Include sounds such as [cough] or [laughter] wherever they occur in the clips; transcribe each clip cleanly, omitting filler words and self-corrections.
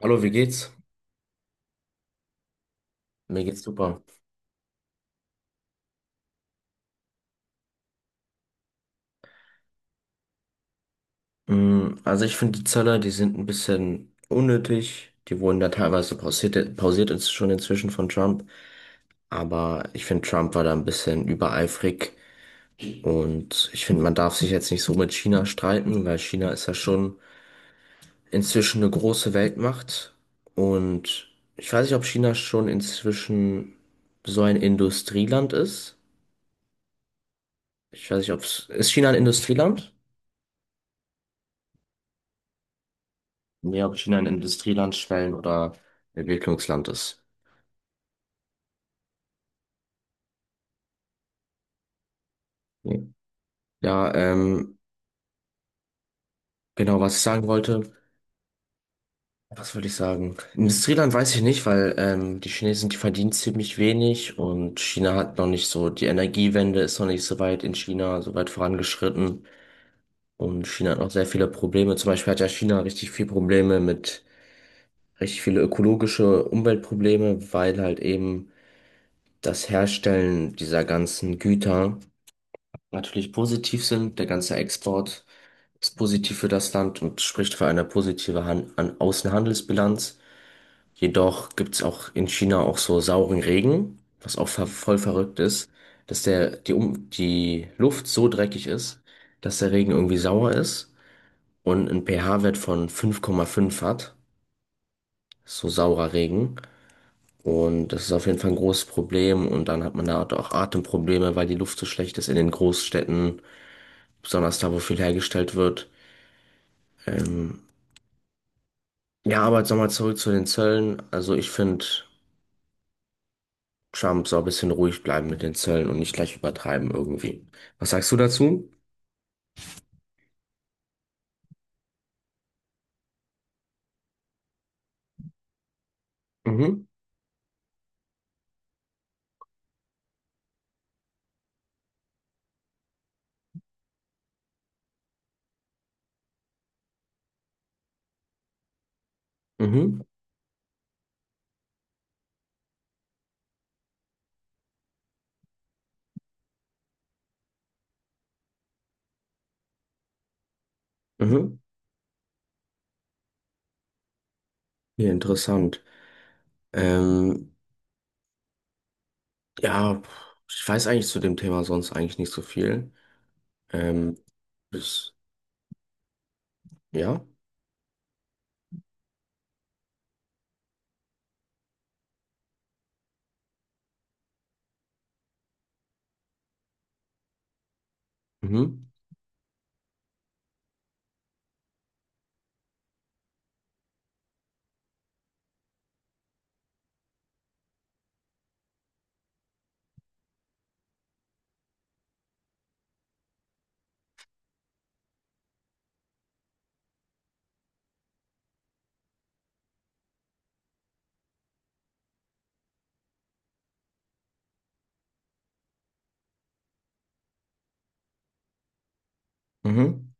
Hallo, wie geht's? Mir geht's super. Mm, also ich finde, die Zölle, die sind ein bisschen unnötig. Die wurden da teilweise pausiert ist schon inzwischen von Trump. Aber ich finde, Trump war da ein bisschen übereifrig. Und ich finde, man darf sich jetzt nicht so mit China streiten, weil China ist ja schon inzwischen eine große Weltmacht. Und ich weiß nicht, ob China schon inzwischen so ein Industrieland ist. Ich weiß nicht. Ist China ein Industrieland? Nee, ob China ein Industrieland, Schwellen- oder Entwicklungsland ist. Nee. Ja, genau, was ich sagen wollte, was wollte ich sagen? Industrieland weiß ich nicht, weil die Chinesen, die verdienen ziemlich wenig und China hat noch nicht so, die Energiewende ist noch nicht so weit in China, so weit vorangeschritten und China hat noch sehr viele Probleme. Zum Beispiel hat ja China richtig viele Probleme mit, richtig viele ökologische Umweltprobleme, weil halt eben das Herstellen dieser ganzen Güter natürlich positiv sind. Der ganze Export ist positiv für das Land und spricht für eine positive Han an Außenhandelsbilanz. Jedoch gibt es auch in China auch so sauren Regen, was auch ver voll verrückt ist, dass der, die, um die Luft so dreckig ist, dass der Regen irgendwie sauer ist und einen pH-Wert von 5,5 hat. So saurer Regen. Und das ist auf jeden Fall ein großes Problem. Und dann hat man da auch Atemprobleme, weil die Luft so schlecht ist in den Großstädten, besonders da, wo viel hergestellt wird. Ähm, ja, aber jetzt nochmal zurück zu den Zöllen. Also ich finde, Trump soll ein bisschen ruhig bleiben mit den Zöllen und nicht gleich übertreiben irgendwie. Was sagst du dazu? Mhm, mhm, mhm. Ja, interessant. Ähm, ja, ich weiß eigentlich zu dem Thema sonst eigentlich nicht so viel. Ähm, bis, ja, mhm, mhm,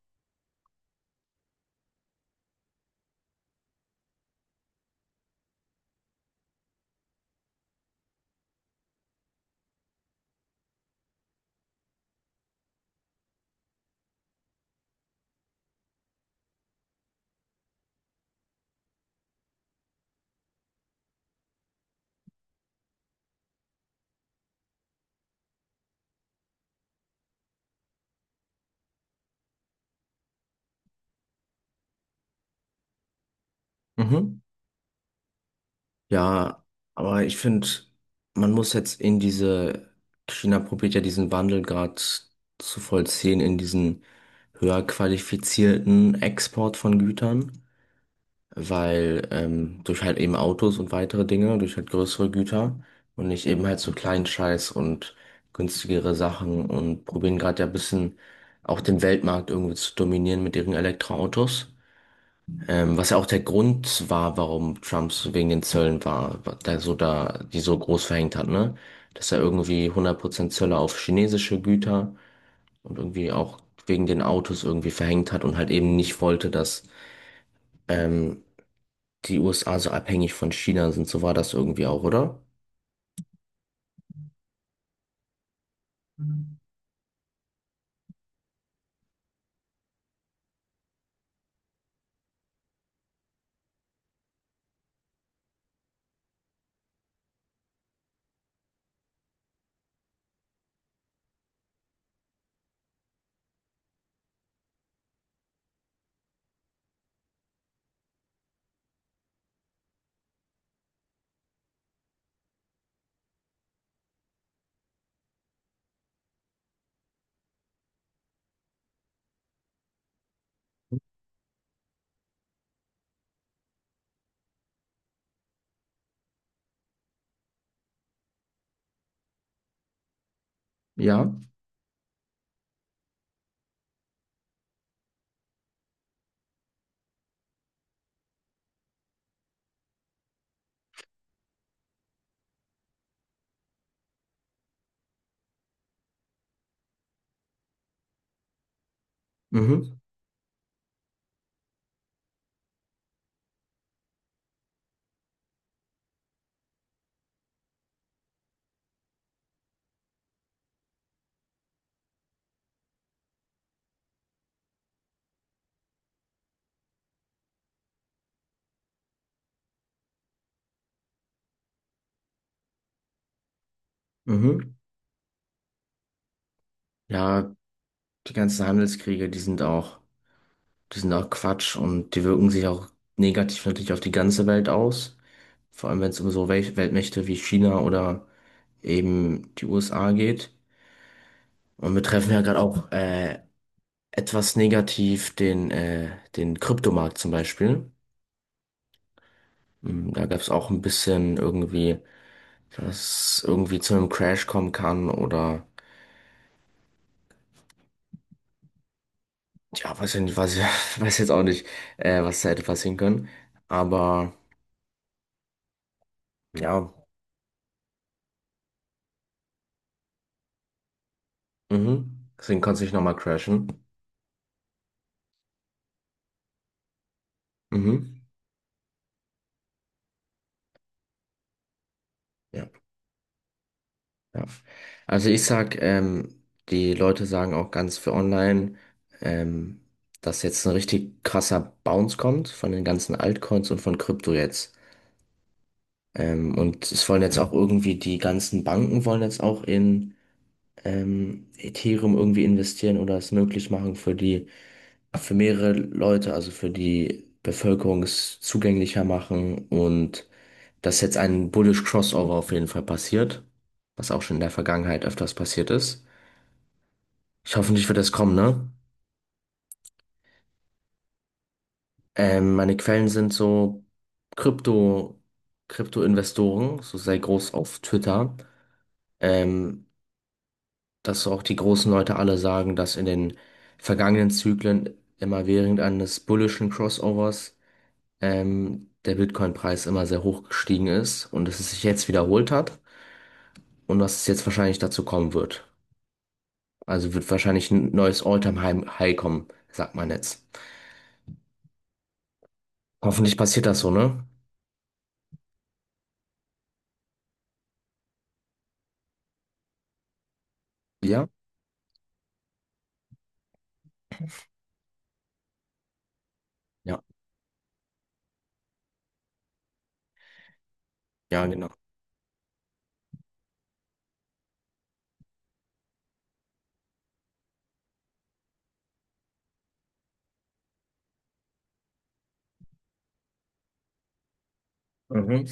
mhm. Ja, aber ich finde, man muss jetzt in diese, China probiert ja diesen Wandel gerade zu vollziehen in diesen höher qualifizierten Export von Gütern, weil durch halt eben Autos und weitere Dinge, durch halt größere Güter und nicht eben halt so kleinen Scheiß und günstigere Sachen und probieren gerade ja ein bisschen auch den Weltmarkt irgendwie zu dominieren mit ihren Elektroautos. Was ja auch der Grund war, warum Trumps wegen den Zöllen war, da so da, die so groß verhängt hat, ne? Dass er irgendwie 100% Zölle auf chinesische Güter und irgendwie auch wegen den Autos irgendwie verhängt hat und halt eben nicht wollte, dass ähm, die USA so abhängig von China sind. So war das irgendwie auch, oder? Ja. Mhm. Mhm. Ja, die ganzen Handelskriege, die sind auch. Die sind auch Quatsch und die wirken sich auch negativ natürlich auf die ganze Welt aus. Vor allem, wenn es um so Weltmächte wie China oder eben die USA geht. Und wir treffen ja gerade auch etwas negativ den Kryptomarkt zum Beispiel. Mm, da gab es auch ein bisschen irgendwie, dass irgendwie zu einem Crash kommen kann oder ja, weiß ich nicht. [laughs] Weiß jetzt auch nicht, was da hätte passieren können. Aber ja, mhm. Deswegen konnte es nicht nochmal crashen. Mhm. Ja, ja. Also ich sag, die Leute sagen auch ganz für online, ähm, dass jetzt ein richtig krasser Bounce kommt von den ganzen Altcoins und von Krypto jetzt. Und es wollen jetzt auch irgendwie die ganzen Banken wollen jetzt auch in Ethereum irgendwie investieren oder es möglich machen für mehrere Leute, also für die Bevölkerung es zugänglicher machen und dass jetzt ein Bullish Crossover auf jeden Fall passiert, was auch schon in der Vergangenheit öfters passiert ist. Ich hoffe nicht, wird das kommen, ne? Meine Quellen sind so Krypto, Krypto-Investoren, so sehr groß auf Twitter, ähm, dass auch die großen Leute alle sagen, dass in den vergangenen Zyklen immer während eines bullischen Crossovers der Bitcoin-Preis immer sehr hoch gestiegen ist und dass es sich jetzt wiederholt hat und dass es jetzt wahrscheinlich dazu kommen wird. Also wird wahrscheinlich ein neues All-Time-High kommen, sagt man jetzt. Hoffentlich passiert das so, ne? Ja? Ja, ja, genau. Mhm.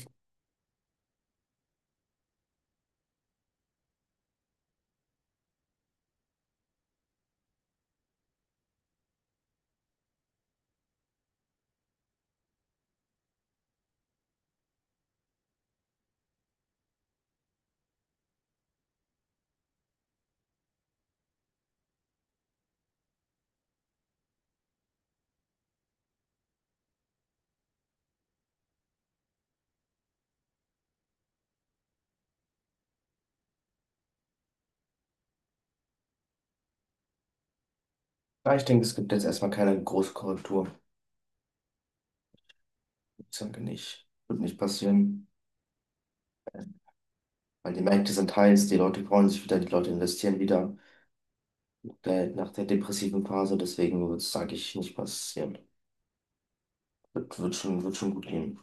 Ja, ich denke, es gibt jetzt erstmal keine große Korrektur. Ich denke nicht. Wird nicht passieren. Weil die Märkte sind heiß, die Leute freuen sich wieder, die Leute investieren wieder. Nach der depressiven Phase, deswegen wird es, sage ich, nicht passieren. Wird schon gut gehen.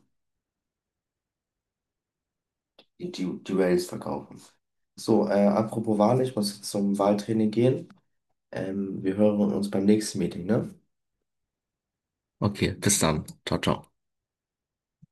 Die Rails verkaufen. So, apropos Wahl, ich muss jetzt zum Wahltraining gehen. Wir hören uns beim nächsten Meeting, ne? Okay, bis dann. Ciao, ciao.